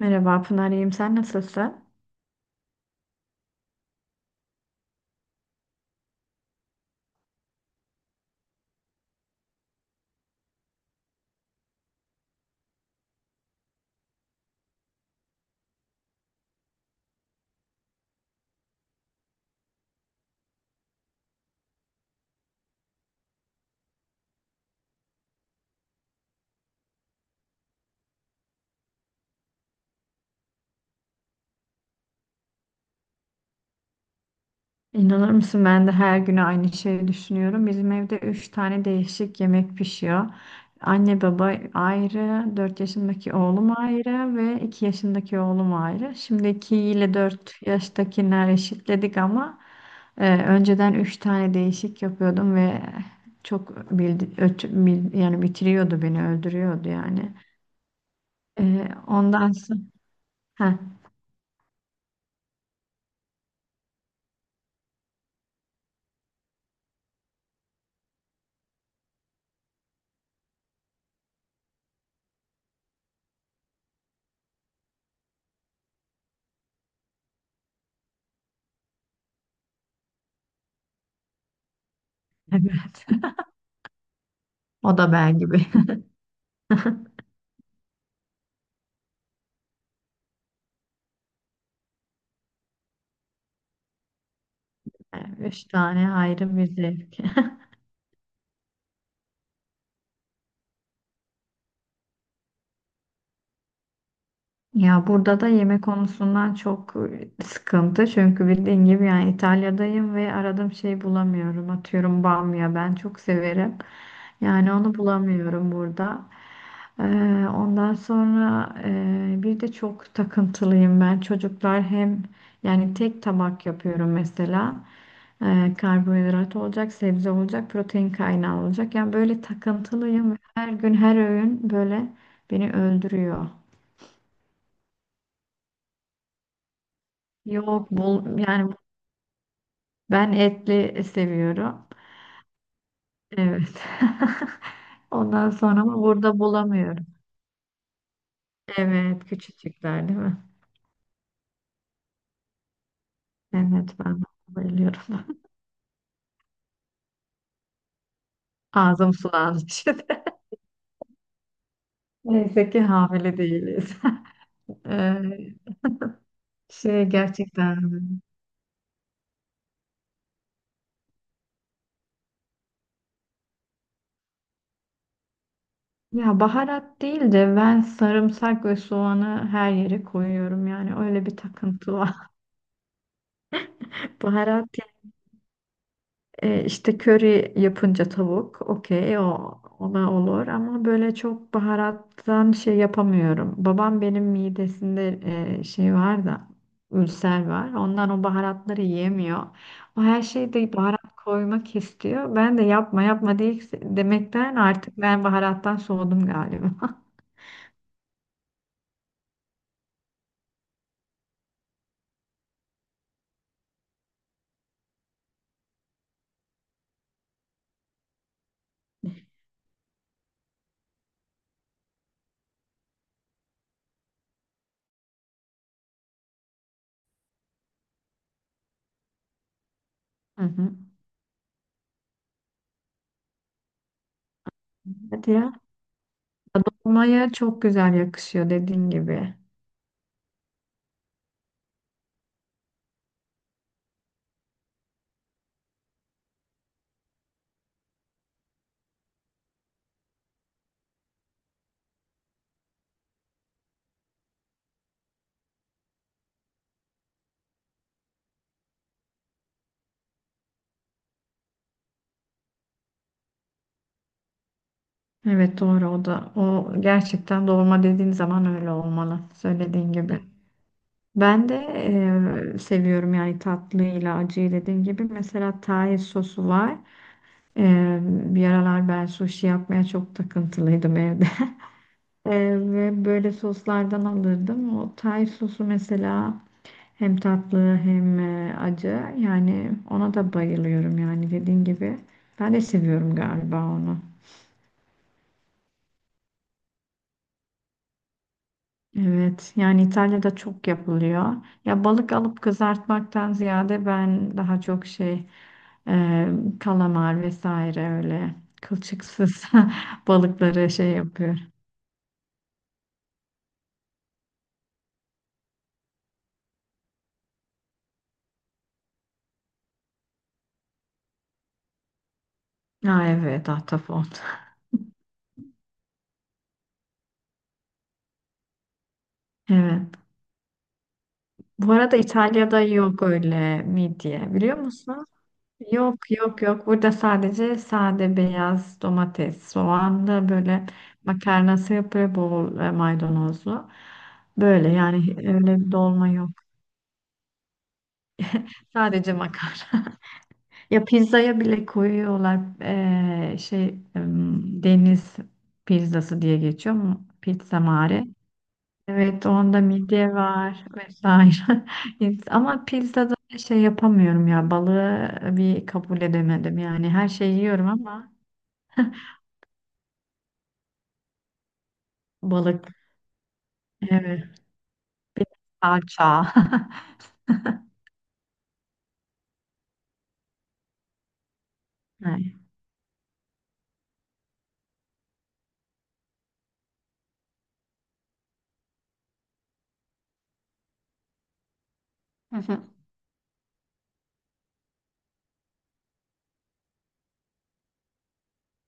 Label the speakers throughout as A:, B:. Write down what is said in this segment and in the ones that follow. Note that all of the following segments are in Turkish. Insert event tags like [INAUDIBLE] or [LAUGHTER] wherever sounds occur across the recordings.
A: Merhaba Pınar, iyiyim. Sen nasılsın? İnanır mısın ben de her gün aynı şeyi düşünüyorum. Bizim evde üç tane değişik yemek pişiyor. Anne baba ayrı, 4 yaşındaki oğlum ayrı ve 2 yaşındaki oğlum ayrı. Şimdi iki ile 4 yaştakiler eşitledik ama önceden üç tane değişik yapıyordum ve çok yani bitiriyordu beni, öldürüyordu yani. E, ondan sonra. Heh, [LAUGHS] evet. O da ben gibi. [LAUGHS] Üç tane ayrı bir zevk. [LAUGHS] Ya burada da yemek konusundan çok sıkıntı. Çünkü bildiğin gibi yani İtalya'dayım ve aradığım şeyi bulamıyorum. Atıyorum bamya ben çok severim. Yani onu bulamıyorum burada. Ee, ondan sonra bir de çok takıntılıyım ben. Çocuklar hem yani tek tabak yapıyorum mesela. Karbonhidrat olacak, sebze olacak, protein kaynağı olacak. Yani böyle takıntılıyım. Her gün her öğün böyle beni öldürüyor. Yok bol yani ben etli seviyorum. Evet. [LAUGHS] Ondan sonra ama burada bulamıyorum. Evet, küçücükler değil mi? Evet, ben de bayılıyorum. [LAUGHS] Ağzım sulandı şimdi. [LAUGHS] Neyse ki hamile değiliz. [LAUGHS] Ee, şey gerçekten, ya baharat değil de ben sarımsak ve soğanı her yere koyuyorum, yani öyle bir takıntı var. [LAUGHS] Baharat. E, işte köri yapınca tavuk, okey, o ona olur ama böyle çok baharattan şey yapamıyorum. Babam benim midesinde şey var da, ülser var. Ondan o baharatları yiyemiyor. O her şeyde baharat koymak istiyor. Ben de yapma yapma değil demekten artık ben baharattan soğudum galiba. [LAUGHS] Hı hı. Hadi ya. Dolmaya çok güzel yakışıyor, dediğin gibi. Evet, doğru o da. O gerçekten dolma dediğin zaman öyle olmalı, söylediğin gibi. Ben de seviyorum yani tatlıyla acıyı, dediğin gibi. Mesela Thai sosu var. Bir aralar ben sushi yapmaya çok takıntılıydım evde. [LAUGHS] Ve böyle soslardan alırdım. O Thai sosu mesela hem tatlı hem acı. Yani ona da bayılıyorum, yani dediğin gibi. Ben de seviyorum galiba onu. Evet, yani İtalya'da çok yapılıyor. Ya balık alıp kızartmaktan ziyade ben daha çok şey, e, kalamar vesaire, öyle kılçıksız [LAUGHS] balıkları şey yapıyorum. Ha evet, ahtapot. Evet. Bu arada İtalya'da yok öyle midye, biliyor musun? Yok, yok, yok. Burada sadece sade beyaz domates, soğanlı böyle makarnası yapıyor, bol maydanozlu. Böyle, yani öyle bir dolma yok. Sadece makarna. [LAUGHS] Ya pizzaya bile koyuyorlar, şey, deniz pizzası diye geçiyor mu? Pizza mare. Evet, onda midye var vesaire. [LAUGHS] Yes, ama pizzada şey yapamıyorum, ya balığı bir kabul edemedim. Yani her şeyi yiyorum ama balık. Evet. Bir de salça. [LAUGHS] Evet. [LAUGHS]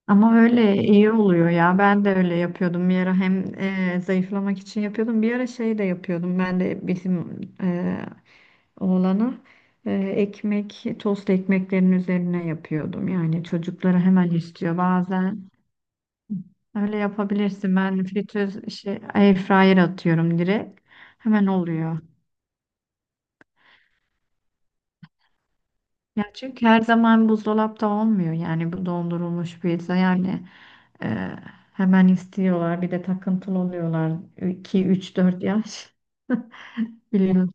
A: Ama öyle iyi oluyor ya. Ben de öyle yapıyordum bir ara, hem zayıflamak için yapıyordum. Bir ara şey de yapıyordum. Ben de bizim oğlana ekmek, tost ekmeklerin üzerine yapıyordum. Yani çocukları hemen istiyor bazen. Öyle yapabilirsin. Ben fritöz, şey, air fryer atıyorum direkt. Hemen oluyor. Ya çünkü her zaman buzdolapta olmuyor, yani bu dondurulmuş pizza, yani e, hemen istiyorlar, bir de takıntılı oluyorlar iki 3 4 yaş [LAUGHS] biliyorsun.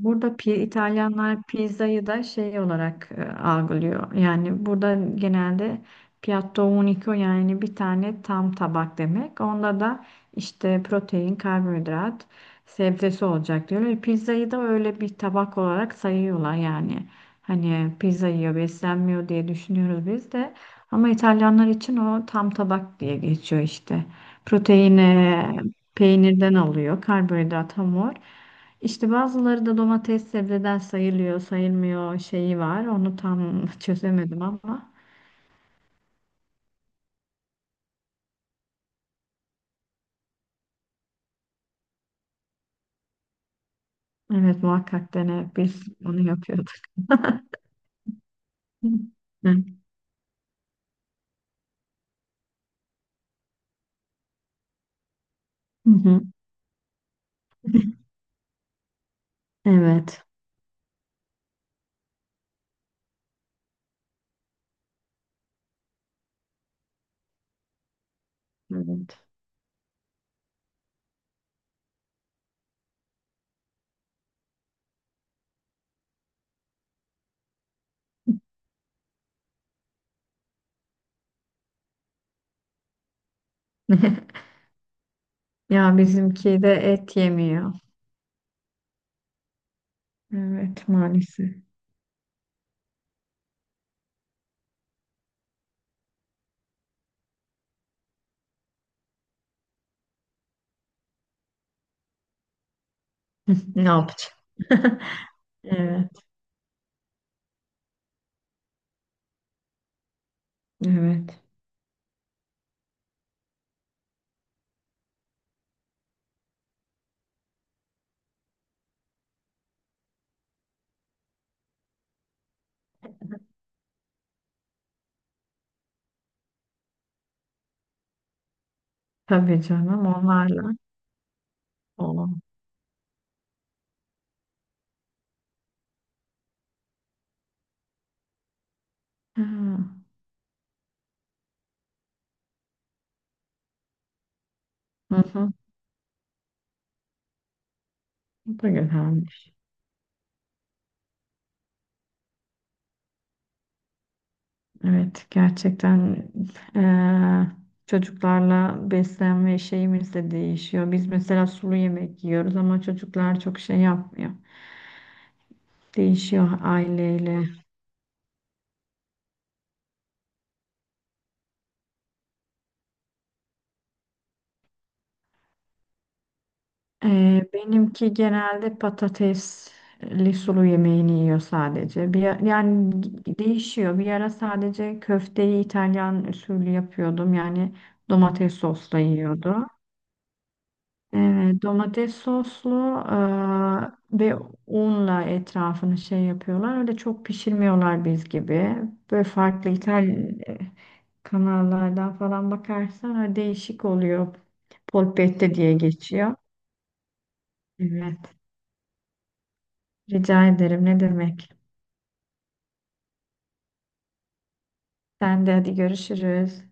A: Burada İtalyanlar pizzayı da şey olarak algılıyor. Yani burada genelde piatto unico, yani bir tane tam tabak demek. Onda da işte protein, karbonhidrat, sebzesi olacak diyorlar. Pizzayı da öyle bir tabak olarak sayıyorlar yani. Hani pizza yiyor, beslenmiyor diye düşünüyoruz biz de. Ama İtalyanlar için o tam tabak diye geçiyor işte. Proteini peynirden alıyor, karbonhidrat, hamur. İşte bazıları da domates sebzeden sayılıyor, sayılmıyor şeyi var. Onu tam [LAUGHS] çözemedim ama evet, muhakkak dene, biz onu yapıyorduk. [LAUGHS] Hı hı. Evet. Evet. [LAUGHS] Ya bizimki de et yemiyor. Evet, maalesef. [LAUGHS] Ne yapacağım? [LAUGHS] Evet. Evet. Tabii canım, onlarla. O. Ha. Hı hı. Bu da güzelmiş. Evet, gerçekten. Eee, çocuklarla beslenme şeyimiz de değişiyor. Biz mesela sulu yemek yiyoruz ama çocuklar çok şey yapmıyor. Değişiyor aileyle. Benimki genelde patatesli sulu yemeğini yiyor sadece. Bir, yani değişiyor. Bir ara sadece köfteyi İtalyan usulü yapıyordum. Yani domates sosla yiyordu. E, domates soslu ve unla etrafını şey yapıyorlar. Öyle çok pişirmiyorlar biz gibi. Böyle farklı İtalyan kanallardan falan bakarsan öyle değişik oluyor. Polpette diye geçiyor. Evet. Rica ederim. Ne demek? Sen de hadi, görüşürüz.